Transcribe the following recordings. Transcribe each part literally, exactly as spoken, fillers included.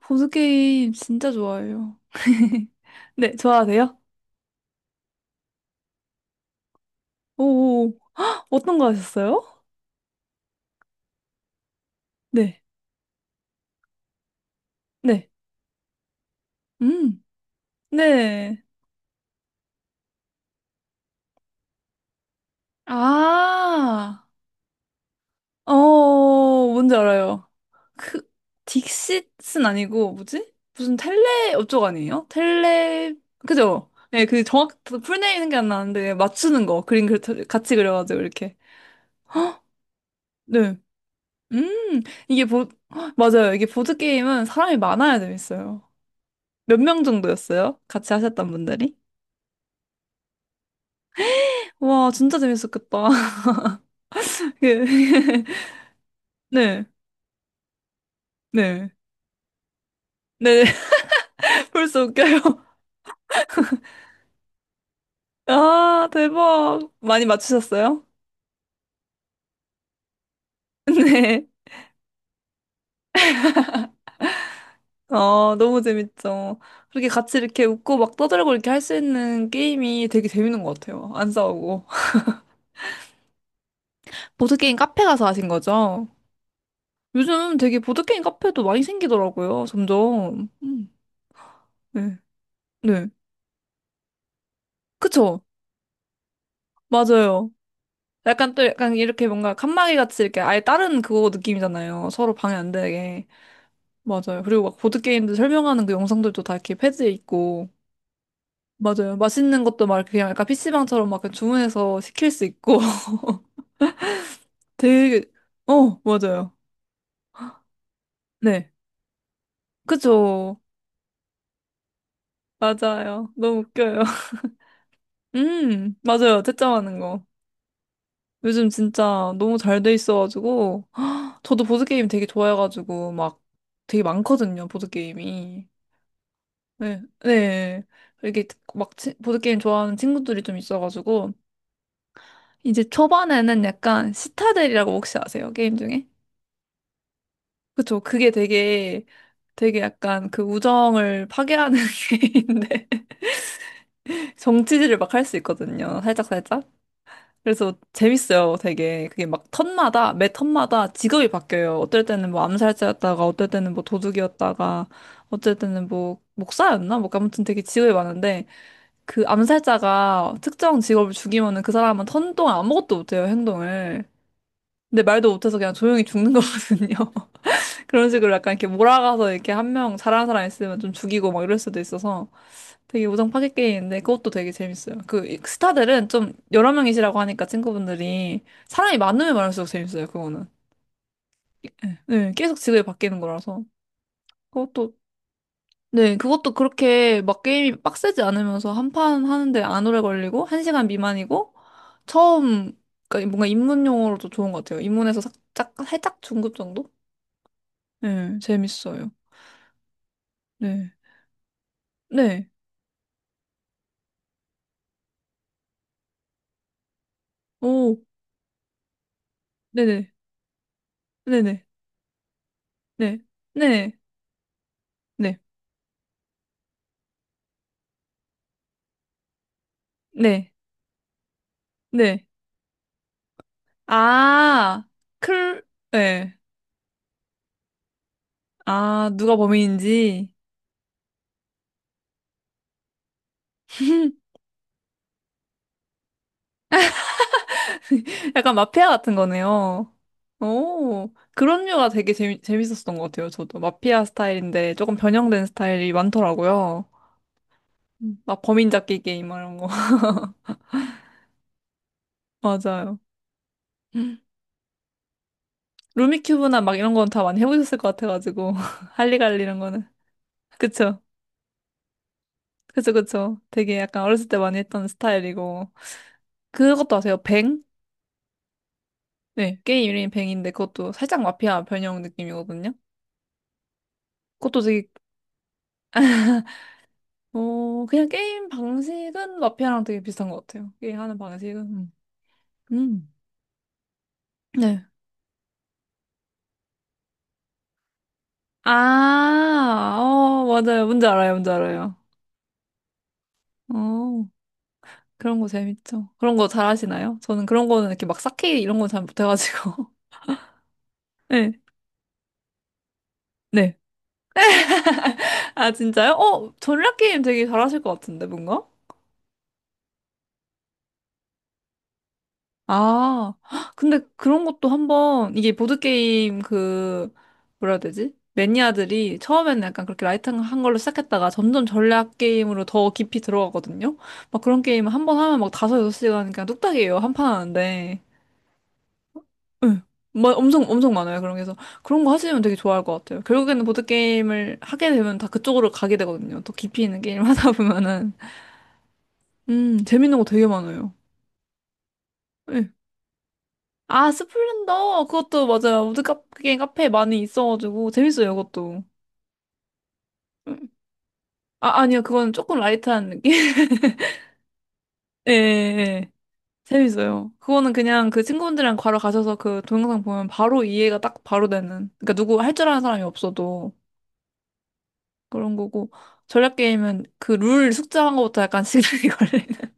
보드게임 진짜 좋아해요. 네, 좋아하세요? 오, 어떤 거 하셨어요? 네, 네, 음, 네. 아, 어, 뭔지 알아요. 그, 딕싯은 아니고, 뭐지? 무슨 텔레, 어쩌고 아니에요? 텔레, 그죠? 네, 그 정확, 풀네임은 게안 나는데, 맞추는 거. 그림 그- 같이 그려가지고, 이렇게. 네. 음, 이게 보, 헉, 맞아요. 이게 보드게임은 사람이 많아야 재밌어요. 몇 명 정도였어요? 같이 하셨던 분들이? 와, 진짜 재밌었겠다. 예. 네, 네. 네, 벌써 웃겨요. 아, 대박. 많이 맞추셨어요? 네. 어, 너무 재밌죠. 그렇게 같이 이렇게 웃고 막 떠들고 이렇게 할 수 있는 게임이 되게 재밌는 것 같아요. 안 싸우고. 보드게임 카페 가서 하신 거죠? 요즘 되게 보드게임 카페도 많이 생기더라고요, 점점. 음, 네. 네. 그쵸? 맞아요. 약간 또 약간 이렇게 뭔가 칸막이 같이 이렇게 아예 다른 그거 느낌이잖아요. 서로 방해 안 되게. 맞아요. 그리고 막 보드게임들 설명하는 그 영상들도 다 이렇게 패드에 있고. 맞아요. 맛있는 것도 막 이렇게 그냥 약간 피시방처럼 막 그냥 주문해서 시킬 수 있고. 되게, 어, 맞아요. 네. 그죠. 맞아요. 너무 웃겨요. 음, 맞아요. 채점하는 거. 요즘 진짜 너무 잘 돼 있어가지고. 저도 보드게임 되게 좋아해가지고 막 되게 많거든요. 보드게임이. 네, 네. 이게 막 치- 보드게임 좋아하는 친구들이 좀 있어가지고, 이제 초반에는 약간 시타델이라고 혹시 아세요? 게임 중에? 그쵸. 그게 되게, 되게 약간 그 우정을 파괴하는 게임인데, 정치질을 막 할 수 있거든요. 살짝살짝. 그래서 재밌어요, 되게. 그게 막 턴마다, 매 턴마다 직업이 바뀌어요. 어떨 때는 뭐 암살자였다가, 어떨 때는 뭐 도둑이었다가, 어떨 때는 뭐 목사였나? 뭐 아무튼 되게 직업이 많은데, 그 암살자가 특정 직업을 죽이면은 그 사람은 턴 동안 아무것도 못해요, 행동을. 근데 말도 못해서 그냥 조용히 죽는 거거든요. 그런 식으로 약간 이렇게 몰아가서 이렇게 한 명 잘하는 사람 있으면 좀 죽이고 막 이럴 수도 있어서 되게 우정 파괴 게임인데 그것도 되게 재밌어요. 그 이- 스타들은 좀 여러 명이시라고 하니까 친구분들이 사람이 많으면 많을수록 재밌어요, 그거는. 네, 계속 직업이 바뀌는 거라서. 그것도 네, 그것도 그렇게 막 게임이 빡세지 않으면서 한판 하는데 안 오래 걸리고, 한 시간 미만이고, 처음, 그러니까 뭔가 입문용어로도 좋은 것 같아요. 입문에서 살짝, 살짝 중급 정도? 네, 재밌어요. 네. 네. 오, 네네. 네네. 네. 네. 네. 네. 네. 네. 네. 아, 클, 네. 아, 누가 범인인지. 약간 마피아 같은 거네요. 오, 그런 류가 되게 재미, 재밌었던 것 같아요. 저도 마피아 스타일인데 조금 변형된 스타일이 많더라고요. 음. 막 범인 잡기 게임 막 이런 거. 맞아요. 루미큐브나 막 이런 건 다 많이 해보셨을 것 같아가지고. 할리갈리 이런 거는. 그쵸. 그쵸, 그쵸. 되게 약간 어렸을 때 많이 했던 스타일이고. 그것도 아세요? 뱅? 네. 게임 이름이 뱅인데 그것도 살짝 마피아 변형 느낌이거든요. 그것도 되게 어, 그냥 게임 방식은 마피아랑 되게 비슷한 것 같아요. 게임하는 방식은. 음. 음. 네. 아, 어, 맞아요. 뭔지 알아요. 뭔지 알아요. 어, 그런 거 재밌죠. 그런 거 잘하시나요? 저는 그런 거는 이렇게 막 쌓기 이런 건 잘 못해가지고. 네. 네. 아, 진짜요? 어, 전략 게임 되게 잘하실 것 같은데, 뭔가? 아, 헉, 근데 그런 것도 한번, 이게 보드게임 그, 뭐라 해야 되지? 매니아들이 처음에는 약간 그렇게 라이트한 걸로 시작했다가 점점 전략 게임으로 더 깊이 들어가거든요? 막 그런 게임 한 번 하면 막 다섯, 여섯 시간 그냥 뚝딱이에요. 한 판 하는데. 응. 막 엄청, 엄청 많아요. 그런 게. 그래서 그런 거 하시면 되게 좋아할 것 같아요. 결국에는 보드게임을 하게 되면 다 그쪽으로 가게 되거든요. 더 깊이 있는 게임 하다 보면은. 음, 재밌는 거 되게 많아요. 예. 아, 스플렌더. 그것도 맞아요. 우드 카페, 카페에 많이 있어가지고. 재밌어요, 그것도. 음. 아, 아니요. 그건 조금 라이트한 느낌? 예, 예, 예. 재밌어요. 그거는 그냥 그 친구들이랑 분 바로 가셔서 그 동영상 보면 바로 이해가 딱 바로 되는. 그러니까 누구 할 줄 아는 사람이 없어도 그런 거고. 전략 게임은 그 룰 숙제한 것부터 약간 시간이 걸리는.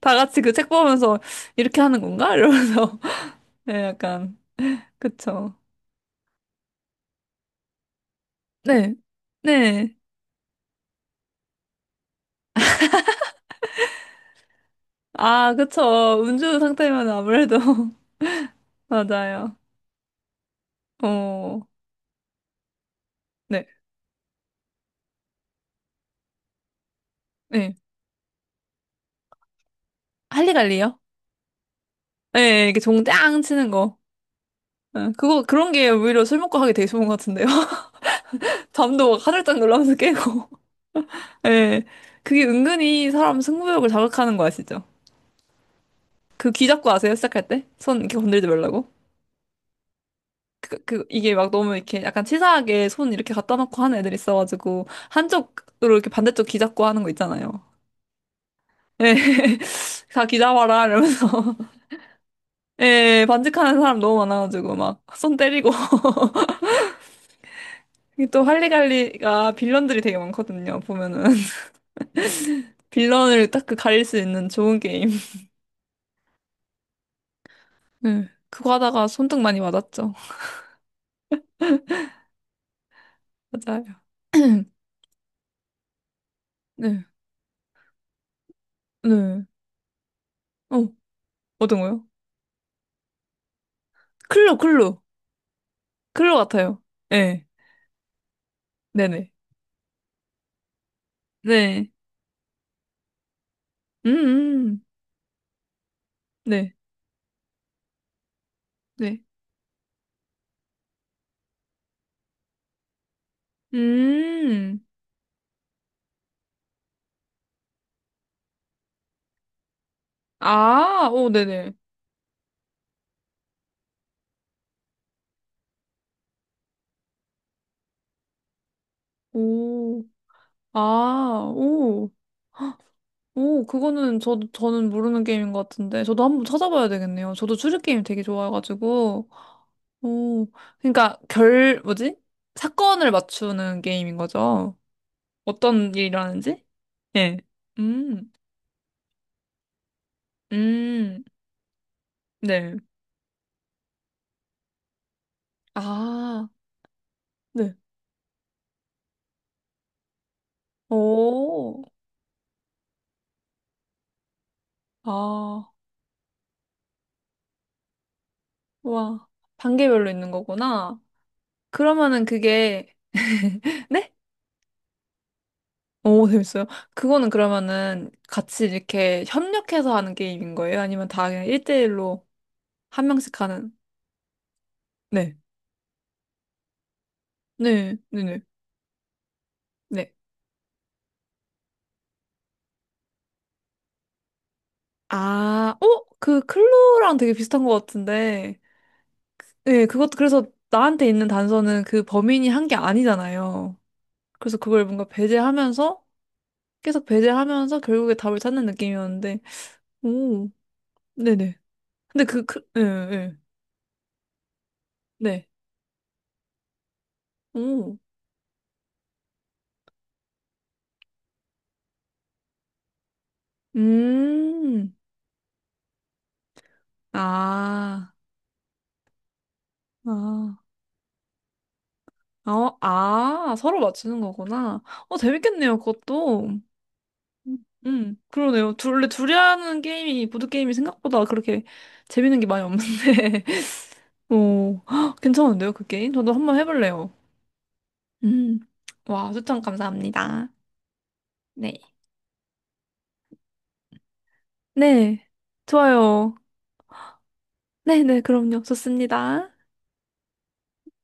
다 같이 그 책 보면서 이렇게 하는 건가? 이러면서. 네, 약간. 그쵸. 네. 네. 아, 그쵸. 음주 상태면 아무래도 맞아요. 어, 네, 네. 할리갈리요? 네, 이렇게 종짱 치는 거. 네, 그거 그런 게 오히려 술 먹고 하기 되게 좋은 것 같은데요. 잠도 막 화들짝 놀라면서 깨고. 네, 그게 은근히 사람 승부욕을 자극하는 거 아시죠? 그 귀 잡고 아세요? 시작할 때? 손 이렇게 건들지 말라고. 그, 그, 이게 막 너무 이렇게 약간 치사하게 손 이렇게 갖다 놓고 하는 애들 있어가지고, 한쪽으로 이렇게 반대쪽 귀 잡고 하는 거 있잖아요. 예. 다 귀 잡아라, 이러면서. 예, 예, 반직하는 사람 너무 많아가지고 막 손 때리고 이게 또 할리갈리가 빌런들이 되게 많거든요. 보면은 빌런을 딱 그 가릴 수 있는 좋은 게임. 네, 그거 하다가 손등 많이 맞았죠. 맞아요. 네, 네. 어, 어떤 거요? 클로, 클로, 클로 같아요. 예, 네네, 네, 음, 음. 네, 네, 음, 아, 오, 네네, 오, 아, 오. 오, 그거는 저도, 저는 모르는 게임인 것 같은데. 저도 한번 찾아봐야 되겠네요. 저도 추리게임 되게 좋아해가지고. 오, 그러니까 결, 뭐지? 사건을 맞추는 게임인 거죠. 어떤 일이 일어나는지? 예. 음, 음, 네. 아, 네. 오, 아, 와. 단계별로 있는 거구나. 그러면은 그게, 네? 오, 재밌어요. 그거는 그러면은 같이 이렇게 협력해서 하는 게임인 거예요? 아니면 다 그냥 일 대일로 한 명씩 하는? 네. 네, 네, 네. 네. 아, 어? 그 클로랑 되게 비슷한 것 같은데. 네, 그것도 그래서 나한테 있는 단서는 그 범인이 한 게 아니잖아요. 그래서 그걸 뭔가 배제하면서, 계속 배제하면서 결국에 답을 찾는 느낌이었는데. 오, 네네. 근데 그, 그, 예, 네. 네. 네. 오. 음. 아. 아. 어, 아, 서로 맞추는 거구나. 어, 재밌겠네요, 그것도. 음. 음, 그러네요. 둘, 원래 둘이 하는 게임이, 보드게임이 생각보다 그렇게 재밌는 게 많이 없는데. 오, 헉, 괜찮은데요, 그 게임? 저도 한번 해볼래요. 음, 와, 추천 감사합니다. 네. 네, 좋아요. 네네, 그럼요. 좋습니다.